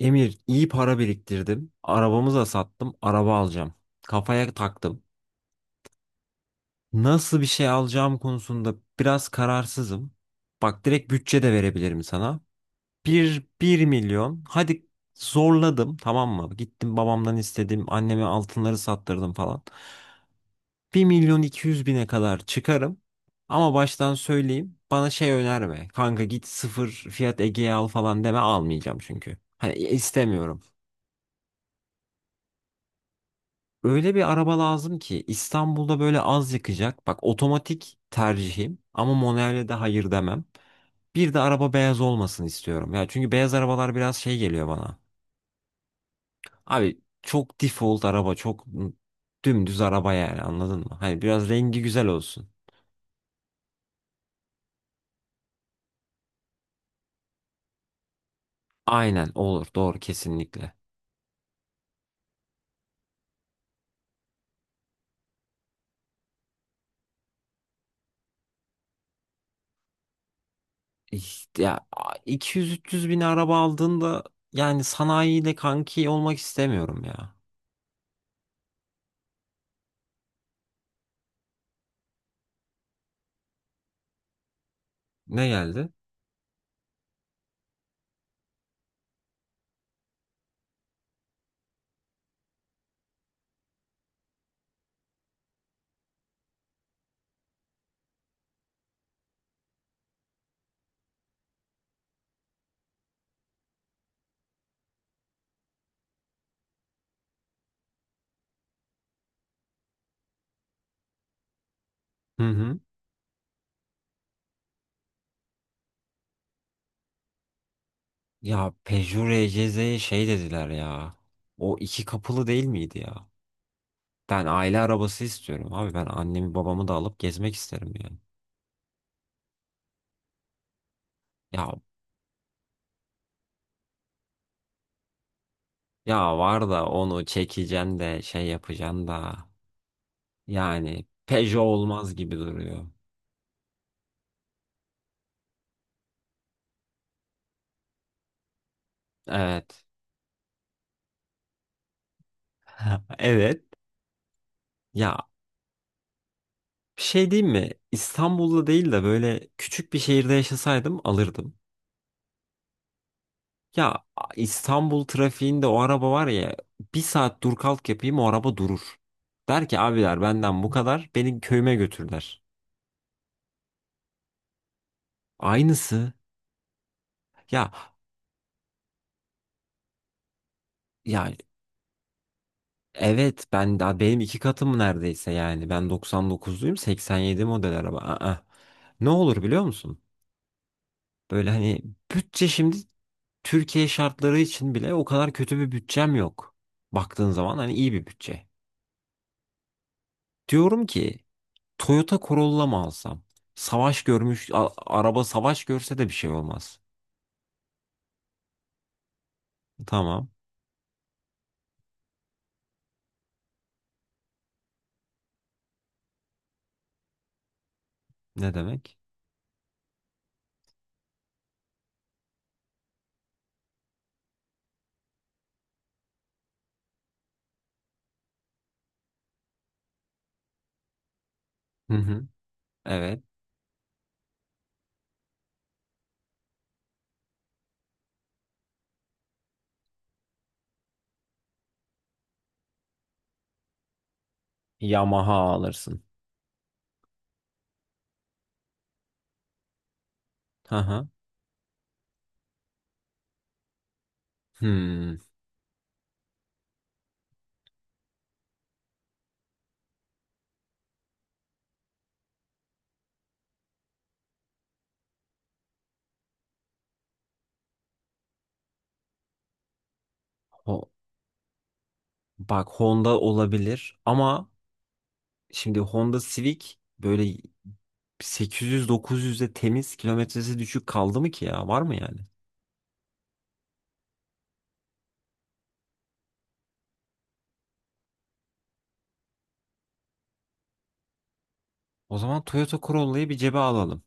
Emir iyi para biriktirdim. Arabamı da sattım. Araba alacağım. Kafaya taktım. Nasıl bir şey alacağım konusunda biraz kararsızım. Bak direkt bütçe de verebilirim sana. Bir milyon. Hadi zorladım tamam mı? Gittim babamdan istedim. Anneme altınları sattırdım falan. 1.200.000'e kadar çıkarım. Ama baştan söyleyeyim. Bana şey önerme. Kanka git sıfır fiyat Ege'ye al falan deme almayacağım çünkü. Hani istemiyorum. Öyle bir araba lazım ki İstanbul'da böyle az yakacak. Bak otomatik tercihim ama manuele de hayır demem. Bir de araba beyaz olmasını istiyorum. Ya çünkü beyaz arabalar biraz şey geliyor bana. Abi çok default araba, çok dümdüz araba yani anladın mı? Hani biraz rengi güzel olsun. Aynen olur doğru kesinlikle. İşte ya 200-300 bin araba aldığında yani sanayiyle kanki olmak istemiyorum ya. Ne geldi? Hı hı. Ya Peugeot RCZ'ye şey dediler ya. O iki kapılı değil miydi ya? Ben aile arabası istiyorum abi. Ben annemi babamı da alıp gezmek isterim yani. Ya ya var da onu çekeceksin de şey yapacaksın da. Yani Peugeot olmaz gibi duruyor. Evet. Evet. Ya bir şey diyeyim mi? İstanbul'da değil de böyle küçük bir şehirde yaşasaydım alırdım. Ya İstanbul trafiğinde o araba var ya bir saat dur kalk yapayım o araba durur. Der ki abiler benden bu kadar beni köyüme götürler. Aynısı ya ya evet ben daha benim iki katım neredeyse yani ben 99'luyum 87 model araba. Aa, ne olur biliyor musun? Böyle hani bütçe şimdi Türkiye şartları için bile o kadar kötü bir bütçem yok. Baktığın zaman hani iyi bir bütçe. Diyorum ki Toyota Corolla mı alsam? Savaş görmüş, araba savaş görse de bir şey olmaz. Tamam. Ne demek? Hı hı. Evet. Yamaha alırsın. Hı hı. Hmm. Ho- Bak Honda olabilir ama şimdi Honda Civic böyle 800-900'e temiz kilometresi düşük kaldı mı ki ya? Var mı yani? O zaman Toyota Corolla'yı bir cebe alalım.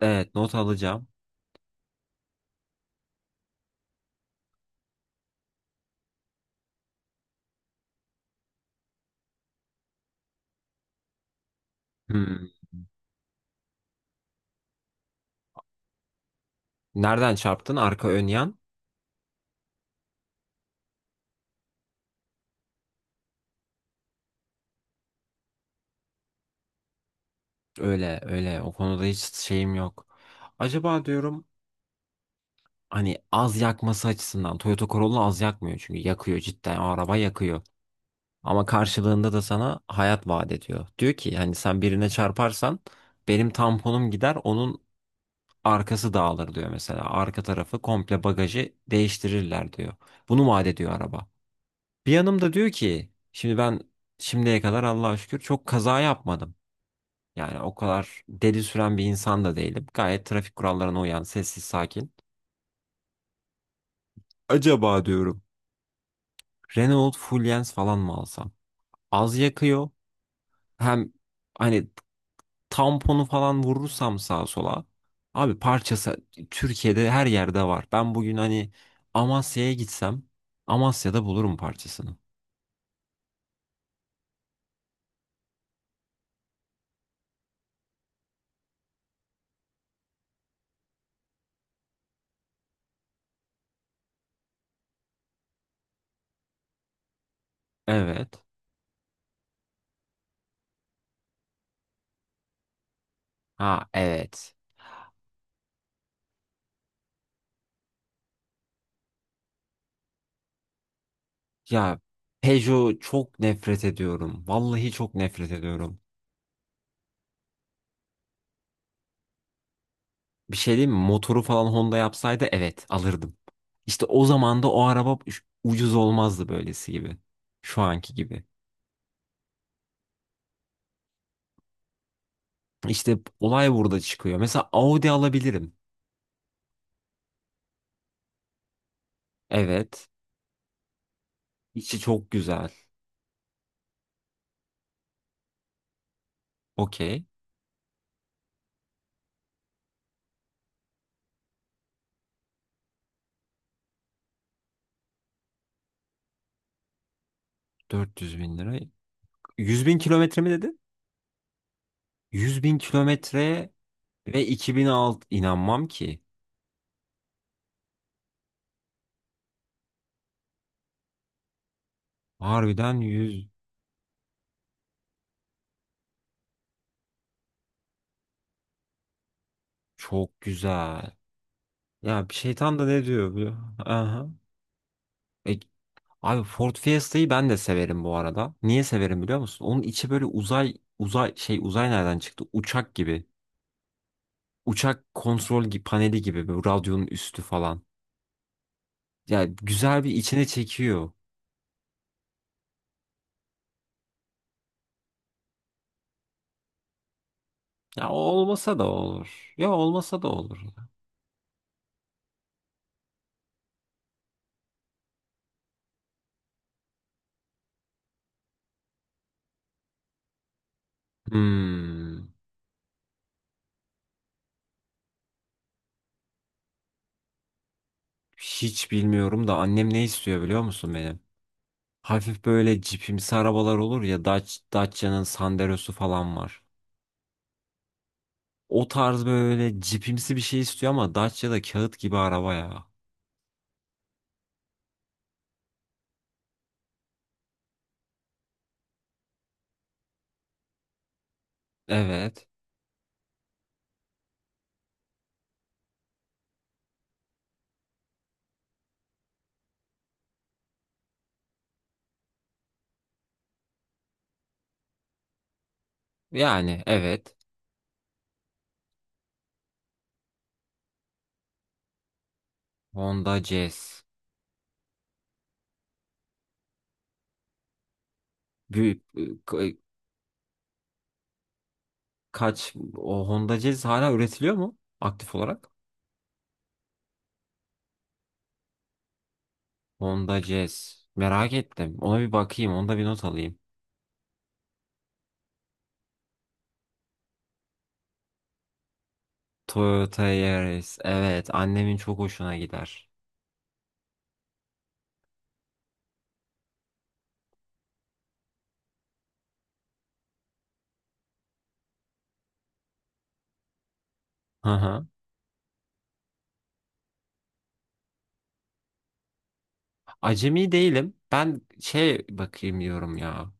Evet not alacağım. Hmm. Nereden çarptın? Arka ön yan? Öyle öyle o konuda hiç şeyim yok. Acaba diyorum hani az yakması açısından Toyota Corolla az yakmıyor çünkü yakıyor cidden o araba yakıyor. Ama karşılığında da sana hayat vaat ediyor. Diyor ki hani sen birine çarparsan benim tamponum gider onun arkası dağılır diyor mesela. Arka tarafı komple bagajı değiştirirler diyor. Bunu vaat ediyor araba. Bir yanım da diyor ki şimdi ben şimdiye kadar Allah'a şükür çok kaza yapmadım. Yani o kadar deli süren bir insan da değilim. Gayet trafik kurallarına uyan, sessiz, sakin. Acaba diyorum Renault Fluence falan mı alsam? Az yakıyor. Hem hani tamponu falan vurursam sağa sola. Abi parçası Türkiye'de her yerde var. Ben bugün hani Amasya'ya gitsem Amasya'da bulurum parçasını. Evet. Ha evet. Ya Peugeot çok nefret ediyorum. Vallahi çok nefret ediyorum. Bir şey diyeyim mi? Motoru falan Honda yapsaydı evet alırdım. İşte o zaman da o araba ucuz olmazdı böylesi gibi. Şu anki gibi. İşte olay burada çıkıyor. Mesela Audi alabilirim. Evet. İçi çok güzel. Okey. 400 bin lira. 100 bin kilometre mi dedin? 100 bin kilometre ve 2006 inanmam ki. Harbiden 100 çok güzel. Ya bir şeytan da ne diyor biliyor? Aha. E, Abi Ford Fiesta'yı ben de severim bu arada. Niye severim biliyor musun? Onun içi böyle uzay uzay şey uzay nereden çıktı? Uçak gibi. Uçak kontrol paneli gibi böyle radyonun üstü falan. Ya güzel bir içine çekiyor. Ya olmasa da olur. Ya olmasa da olur. Hmm, hiç bilmiyorum da annem ne istiyor biliyor musun benim? Hafif böyle cipimsi arabalar olur ya Dacia'nın Sandero'su falan var. O tarz böyle cipimsi bir şey istiyor ama Dacia da kağıt gibi araba ya. Evet. Yani evet. Honda Jazz. Büyük ka- kaç o Honda Jazz hala üretiliyor mu aktif olarak? Honda Jazz. Merak ettim. Ona bir bakayım. Onda bir not alayım. Toyota Yaris. Evet. Annemin çok hoşuna gider. Hı hı. Acemi değilim. Ben şey bakayım diyorum ya.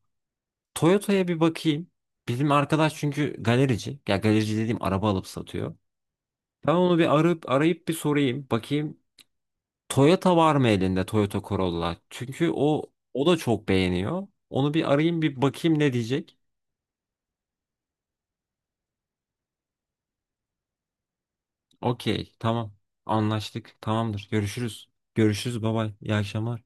Toyota'ya bir bakayım. Bizim arkadaş çünkü galerici. Ya galerici dediğim araba alıp satıyor. Ben onu bir arayıp arayıp bir sorayım. Bakayım Toyota var mı elinde Toyota Corolla? Çünkü o da çok beğeniyor. Onu bir arayayım bir bakayım ne diyecek. Okey, tamam. Anlaştık. Tamamdır. Görüşürüz. Görüşürüz babay. İyi akşamlar.